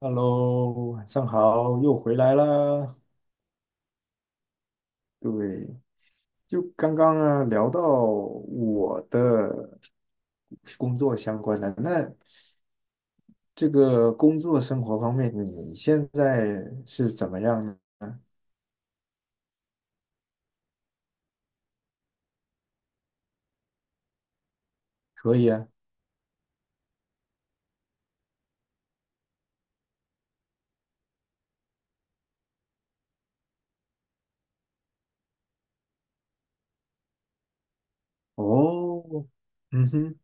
Hello，晚上好，又回来啦。对，就刚刚啊聊到我的工作相关的，那这个工作生活方面，你现在是怎么样呢？可以啊。哦，嗯哼，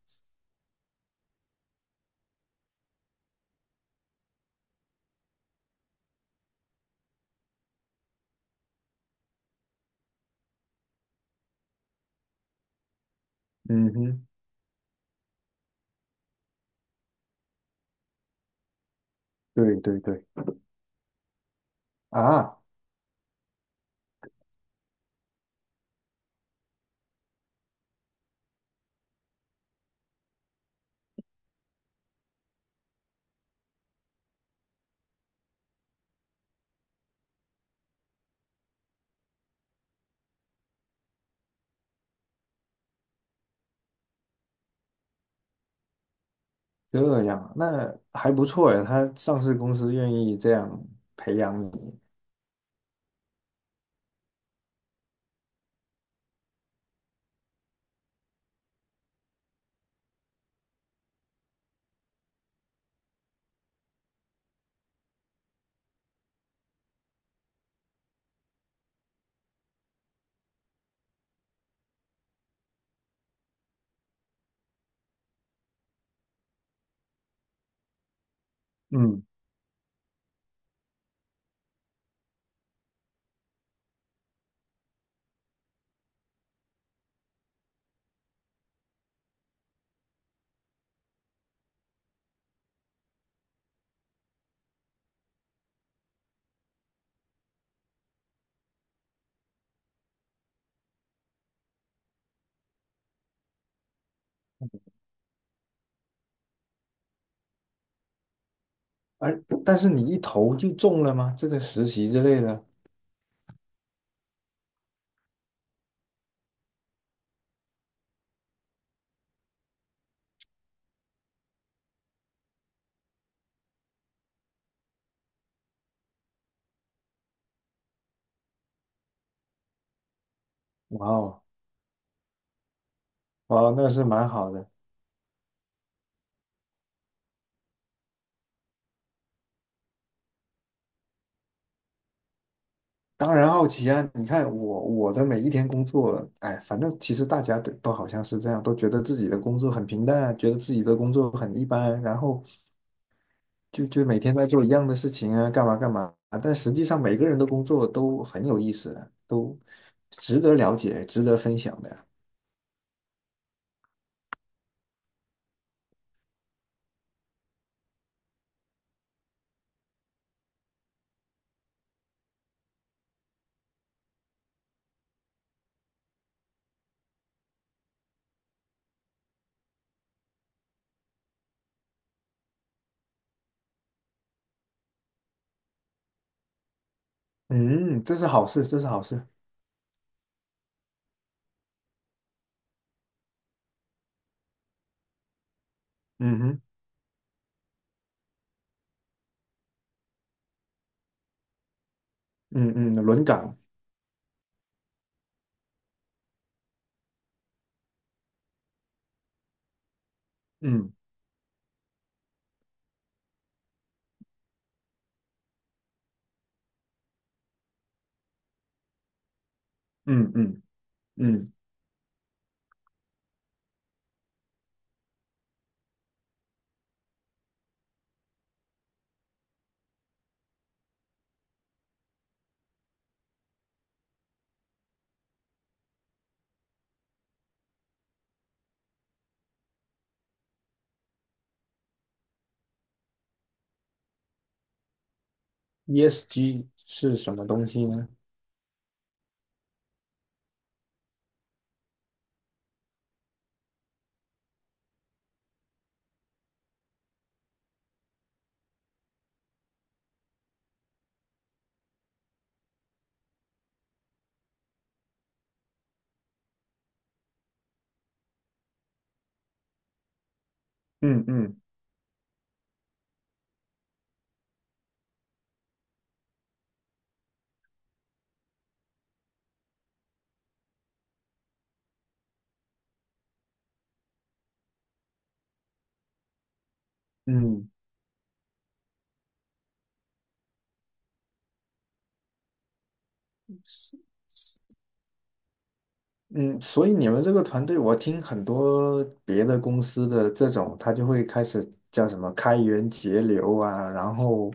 嗯哼，对对对，啊，这样啊，那还不错呀，他上市公司愿意这样培养你。嗯，而但是你一投就中了吗？这个实习之类的。哇哦，哇哦，那是蛮好的。当然好奇啊，你看我的每一天工作，哎，反正其实大家都好像是这样，都觉得自己的工作很平淡，觉得自己的工作很一般，然后就每天在做一样的事情啊，干嘛干嘛。但实际上每个人的工作都很有意思的，都值得了解，值得分享的啊。嗯，这是好事，这是好事。嗯哼，嗯嗯，轮岗，嗯嗯嗯嗯，ESG 是什么东西呢？嗯嗯嗯。嗯，所以你们这个团队，我听很多别的公司的这种，他就会开始叫什么开源节流啊，然后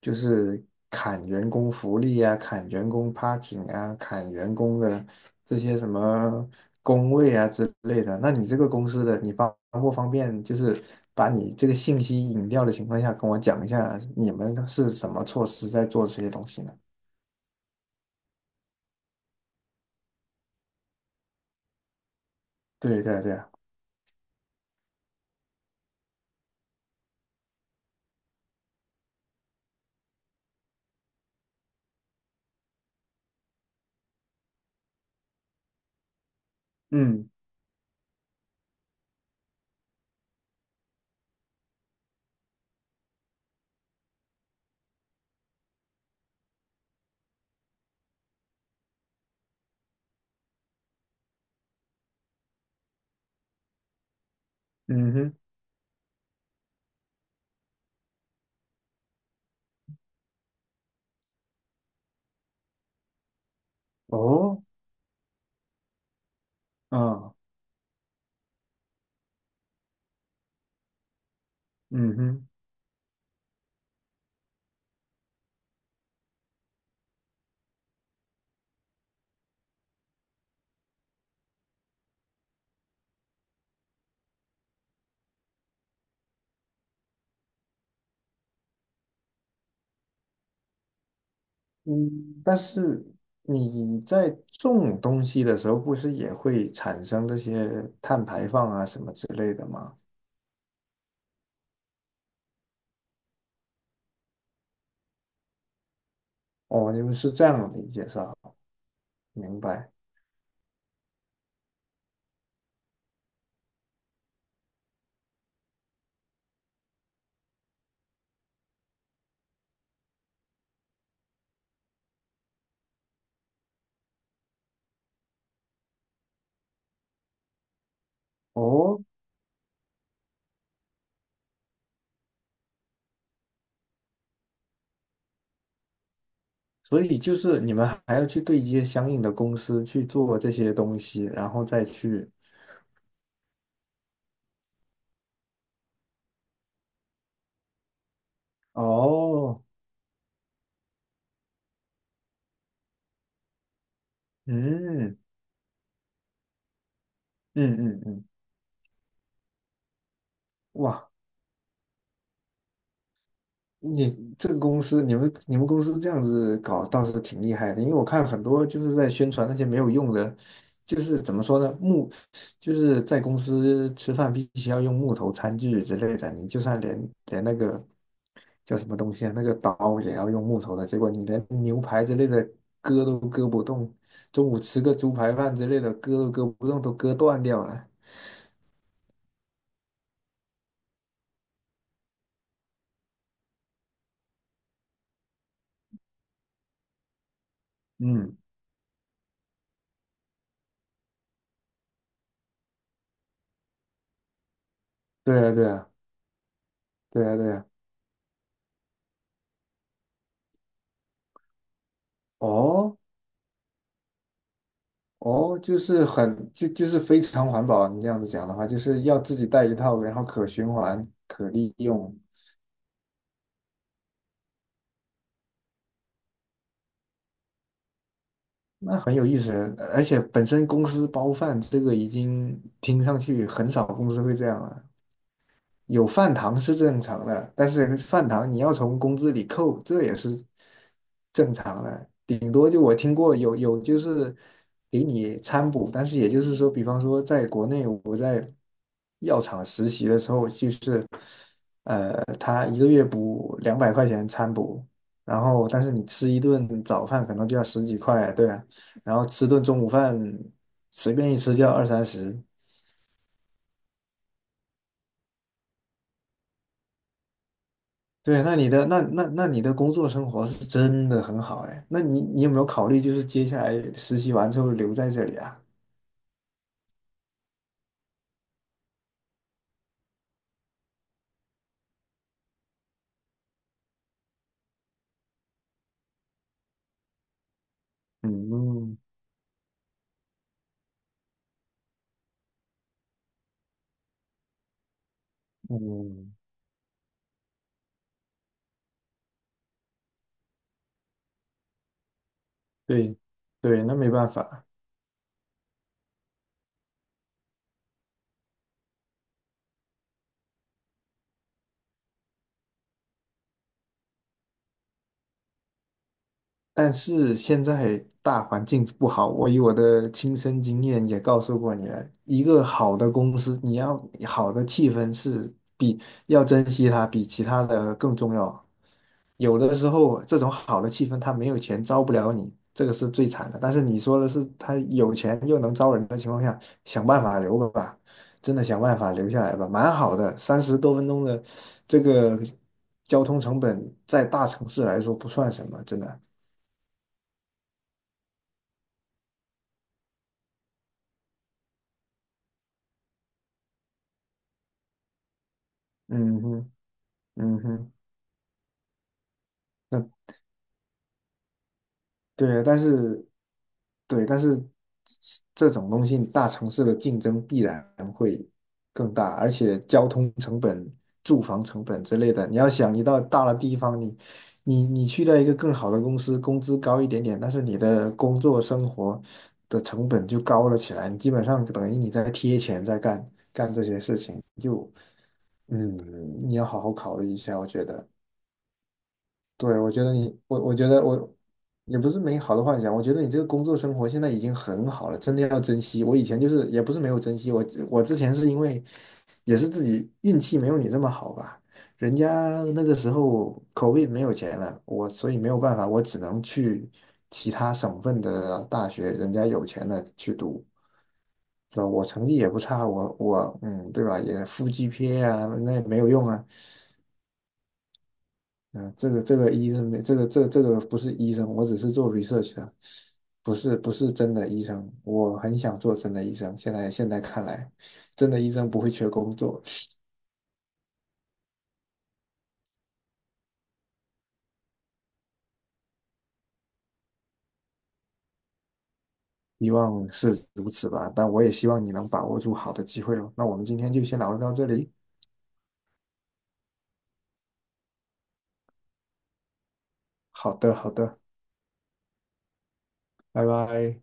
就是砍员工福利啊，砍员工 parking 啊，砍员工的这些什么工位啊之类的。那你这个公司的，你方不方便就是把你这个信息隐掉的情况下，跟我讲一下你们是什么措施在做这些东西呢？对对对，嗯嗯哼，哦，嗯。嗯哼，嗯，但是你在种东西的时候，不是也会产生这些碳排放啊什么之类的吗？哦，你们是这样理解是吧？明白。哦，所以就是你们还要去对接相应的公司去做这些东西，然后再去。哦，嗯嗯嗯嗯，哇，你这个公司，你们公司这样子搞倒是挺厉害的，因为我看很多就是在宣传那些没有用的，就是怎么说呢，木，就是在公司吃饭必须要用木头餐具之类的，你就算连那个叫什么东西啊，那个刀也要用木头的，结果你连牛排之类的割都割不动，中午吃个猪排饭之类的割都割不动，都割断掉了。嗯，对啊，对啊，对啊，对啊。哦，哦，就是很，就就是非常环保啊。你这样子讲的话，就是要自己带一套，然后可循环、可利用，那很有意思。而且本身公司包饭这个已经听上去很少公司会这样了。有饭堂是正常的，但是饭堂你要从工资里扣，这也是正常的。顶多就我听过有就是给你餐补，但是也就是说，比方说在国内我在药厂实习的时候，就是他一个月补两百块钱餐补，然后但是你吃一顿早饭可能就要十几块，对啊，然后吃顿中午饭随便一吃就要二三十。对，那你的那你的工作生活是真的很好哎，那你有没有考虑就是接下来实习完之后留在这里啊？嗯嗯，对，对，那没办法。但是现在大环境不好，我以我的亲身经验也告诉过你了，一个好的公司，你要好的气氛是比要珍惜它，比其他的更重要。有的时候这种好的气氛，他没有钱招不了你，这个是最惨的。但是你说的是他有钱又能招人的情况下，想办法留吧，真的想办法留下来吧，蛮好的。三十多分钟的这个交通成本，在大城市来说不算什么，真的。嗯哼，嗯哼。那。对，但是对,但是这种东西大城市的竞争必然会更大，而且交通成本、住房成本之类的，你要想，你到大的地方，你去到一个更好的公司，工资高一点点，但是你的工作生活的成本就高了起来，你基本上等于你在贴钱在干这些事情，就嗯，你要好好考虑一下，我觉得。对，我觉得你，我觉得我也不是美好的幻想，我觉得你这个工作生活现在已经很好了，真的要珍惜。我以前就是也不是没有珍惜，我之前是因为也是自己运气没有你这么好吧，人家那个时候口碑没有钱了，我所以没有办法，我只能去其他省份的大学，人家有钱的去读，是吧？我成绩也不差，我，对吧？也负 GPA 啊，那也没有用啊。嗯，这个医生没，这个不是医生，我只是做 research 的，不是真的医生。我很想做真的医生，现在看来，真的医生不会缺工作，希望是如此吧。但我也希望你能把握住好的机会哦。那我们今天就先聊到这里。好的，好的，拜拜。